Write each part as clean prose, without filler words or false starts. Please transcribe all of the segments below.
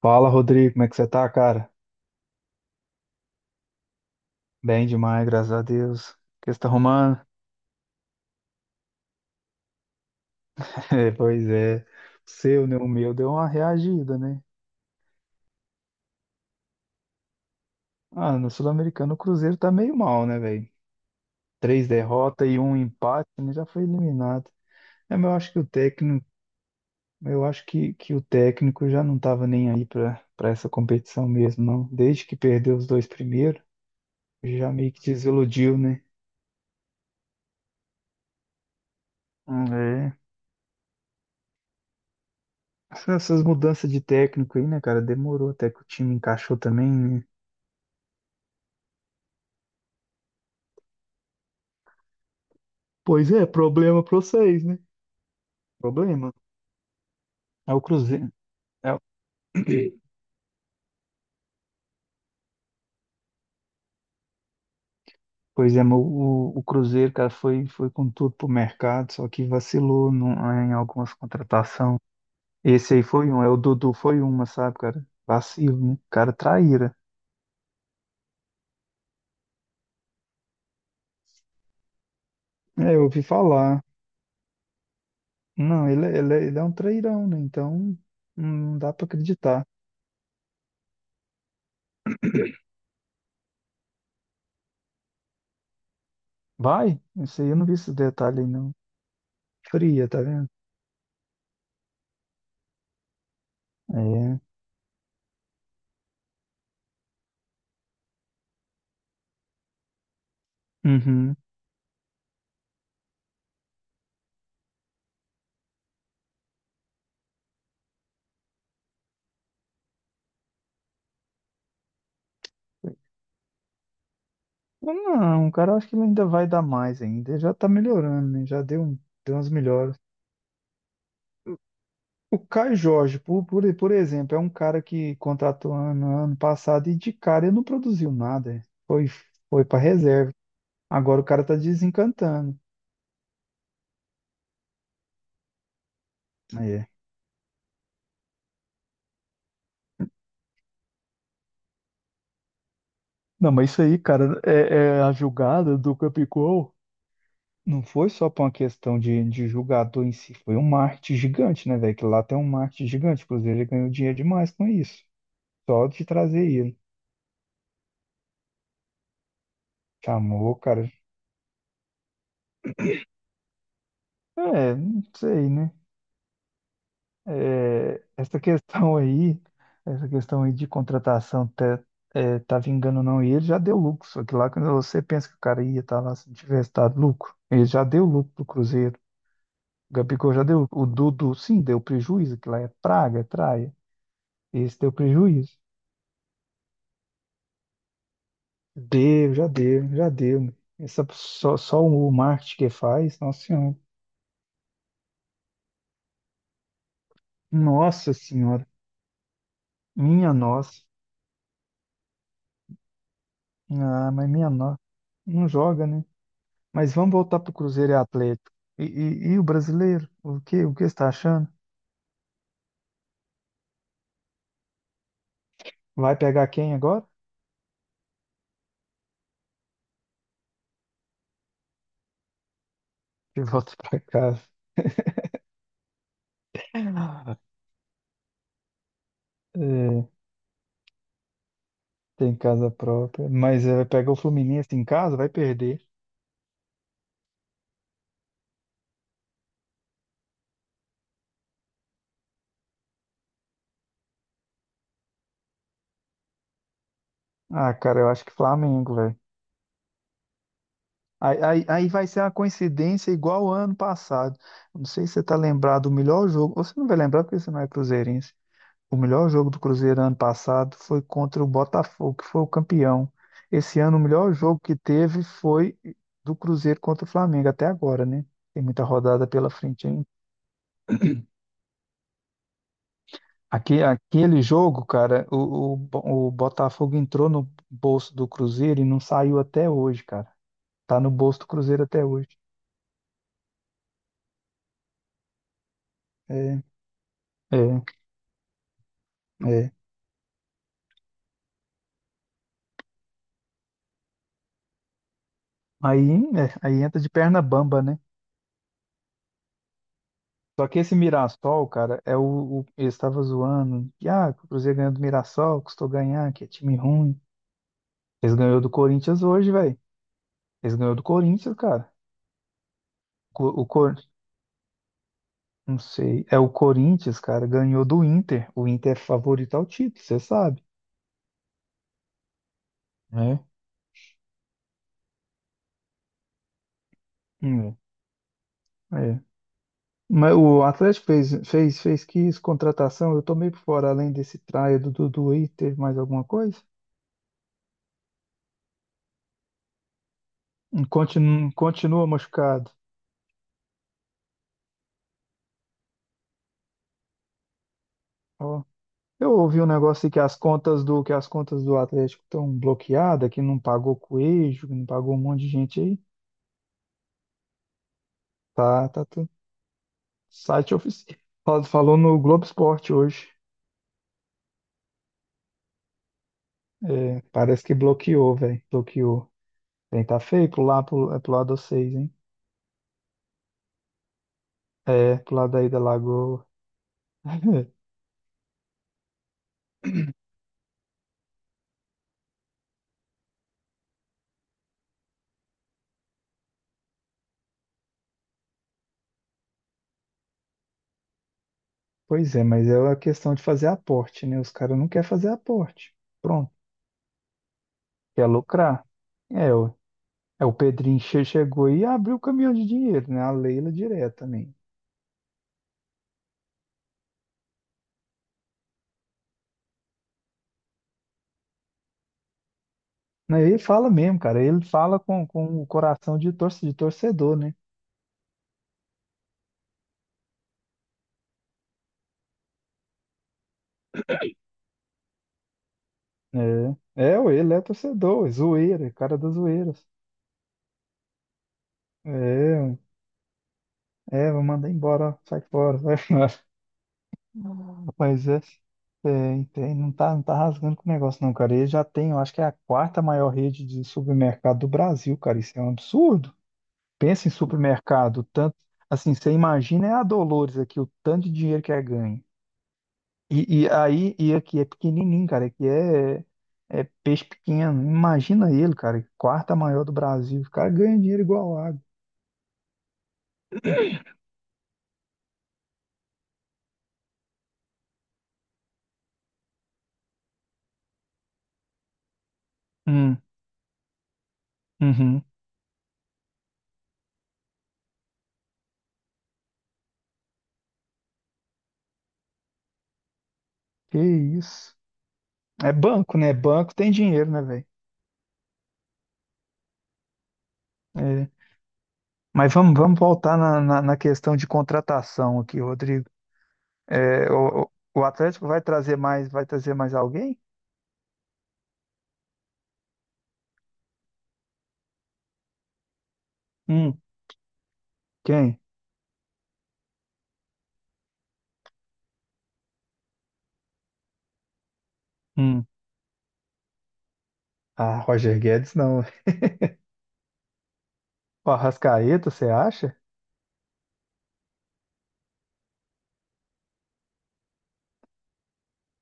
Fala, Rodrigo, como é que você tá, cara? Bem demais, graças a Deus. O que você tá arrumando? É, pois é. O seu, né? O meu deu uma reagida, né? Ah, no Sul-Americano o Cruzeiro tá meio mal, né, velho? Três derrotas e um empate, né? Já foi eliminado. É, mas eu acho que o técnico, eu acho que o técnico já não tava nem aí pra essa competição mesmo, não. Desde que perdeu os dois primeiros, já meio que desiludiu, né? Ah, é. Essas mudanças de técnico aí, né, cara? Demorou até que o time encaixou também, né? Pois é, problema pra vocês, né? Problema. É o Cruzeiro. É o- Pois é, mas o Cruzeiro, cara, foi com tudo pro mercado, só que vacilou no- em algumas contratações. Esse aí foi um, é, o Dudu foi uma, sabe, cara? Vacilo, né? Cara, traíra. É, eu ouvi falar. Não, ele é um trairão, né? Então, não dá pra acreditar. Vai? Esse aí eu não vi esse detalhe aí, não. Fria, tá vendo? É. Uhum. Não, cara, eu acho que ele ainda vai dar mais ainda. Ele já tá melhorando, né? Deu umas melhoras. O Caio Jorge, por exemplo, é um cara que contratou ano passado e de cara ele não produziu nada. É. Foi para reserva. Agora o cara tá desencantando. É. Não, mas isso aí, cara, é, é a julgada do Capicol. Não foi só por uma questão de julgador em si, foi um marketing gigante, né, velho? Que lá tem um marketing gigante. O Cruzeiro ganhou dinheiro demais com isso. Só de trazer ele. Chamou, cara. É, não sei, né? É, essa questão aí de contratação tá, é, tá vingando ou não, e ele já deu lucro. Só que lá quando você pensa que o cara ia estar lá se não tivesse dado lucro, ele já deu lucro pro Cruzeiro. O Gabigol já deu, o Dudu sim, deu prejuízo, que lá é praga, é traia. Esse deu prejuízo. Deu, já deu, já deu. Meu. Essa, só o marketing que faz, nossa senhora. Nossa senhora, minha nossa. Ah, mas minha nossa. Não joga, né? Mas vamos voltar para o Cruzeiro e Atlético. E o brasileiro? O que você está achando? Vai pegar quem agora? Que volta para casa. É, tem casa própria. Mas é, vai pegar o Fluminense em casa, vai perder. Ah, cara, eu acho que Flamengo, velho. Aí vai ser uma coincidência igual ao ano passado. Não sei se você tá lembrado do melhor jogo. Você não vai lembrar porque você não é cruzeirense. O melhor jogo do Cruzeiro ano passado foi contra o Botafogo, que foi o campeão. Esse ano, o melhor jogo que teve foi do Cruzeiro contra o Flamengo, até agora, né? Tem muita rodada pela frente ainda. Aquele jogo, cara, o Botafogo entrou no bolso do Cruzeiro e não saiu até hoje, cara. Tá no bolso do Cruzeiro até hoje. É, é, é. Aí, é, aí entra de perna bamba, né? Só que esse Mirassol, cara, o eles estavam zoando. Que, ah, que o Cruzeiro ganhou do Mirassol, custou ganhar, que é time ruim. Eles ganhou do Corinthians hoje, velho. Eles ganhou do Corinthians, cara. Co- O, Cor, não sei, é o Corinthians, cara, ganhou do Inter. O Inter é favorito ao título, você sabe, né? Hum, é. Mas o Atlético fez que isso, contratação, eu tomei por fora, além desse traia do Dudu aí, teve mais alguma coisa? Continua machucado. Eu ouvi um negócio aí que as contas do que as contas do Atlético estão bloqueadas, que não pagou Coelho, que não pagou um monte de gente aí. Tá, tudo. Site oficial. Falou no Globo Esporte hoje. É, parece que bloqueou, velho. Bloqueou. Bem, tá feio pro lado de vocês, hein? É, pro lado aí da Lagoa. Pois é, mas é a questão de fazer aporte, né? Os caras não querem fazer aporte. Pronto, quer lucrar. É, o, é, o Pedrinho chegou e abriu o caminhão de dinheiro, né? A Leila direto também. Não, ele fala mesmo, cara. Ele fala com o coração de, torce, de torcedor, né? É, é, ué, ele é torcedor, é zoeira, é cara das zoeiras. É, ué. É, vou mandar embora, ó, sai fora, sai fora. Mas é, é, tem- não tá rasgando com o negócio, não, cara. Ele já tem, eu acho que é a quarta maior rede de supermercado do Brasil, cara. Isso é um absurdo. Pensa em supermercado, tanto assim, você imagina é a Dolores aqui, o tanto de dinheiro que é ganho. E aqui é pequenininho, cara. Aqui é, é peixe pequeno. Imagina ele, cara. Quarta maior do Brasil. O cara ganha dinheiro igual água. Hum, uhum. Que isso. É banco, né? Banco tem dinheiro, né, velho? É. Vamos voltar na questão de contratação aqui, Rodrigo. É, o Atlético vai trazer mais alguém? Hum, quem? Hum. Ah, Roger Guedes não. O Arrascaeta, você acha?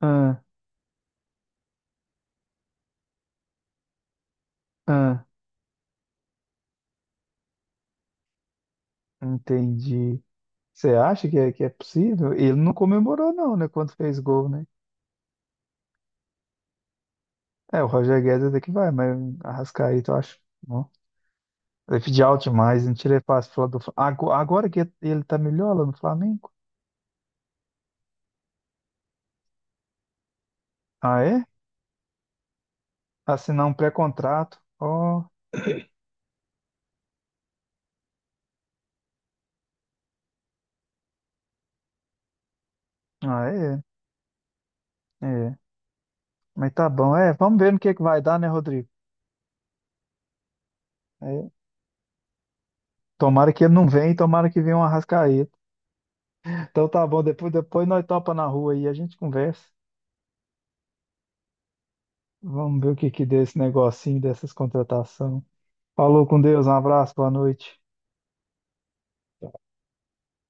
Ah, ah, entendi. Você acha que é possível? Ele não comemorou, não, né? Quando fez gol, né? É, o Roger Guedes até que vai, mas Arrascaeta, eu acho. Não. Ele pediu alto demais, não tirei fácil falar do Agora que ele tá melhor lá no Flamengo? Ah, é? Assinar um pré-contrato. Ó, ah, é? É. Mas tá bom, é. Vamos ver no que é que vai dar, né, Rodrigo? É. Tomara que ele não venha, e tomara que venha um Arrascaeta. Então tá bom, depois nós topa na rua aí, a gente conversa. Vamos ver o que que deu esse negocinho dessas contratações. Falou com Deus, um abraço, boa noite.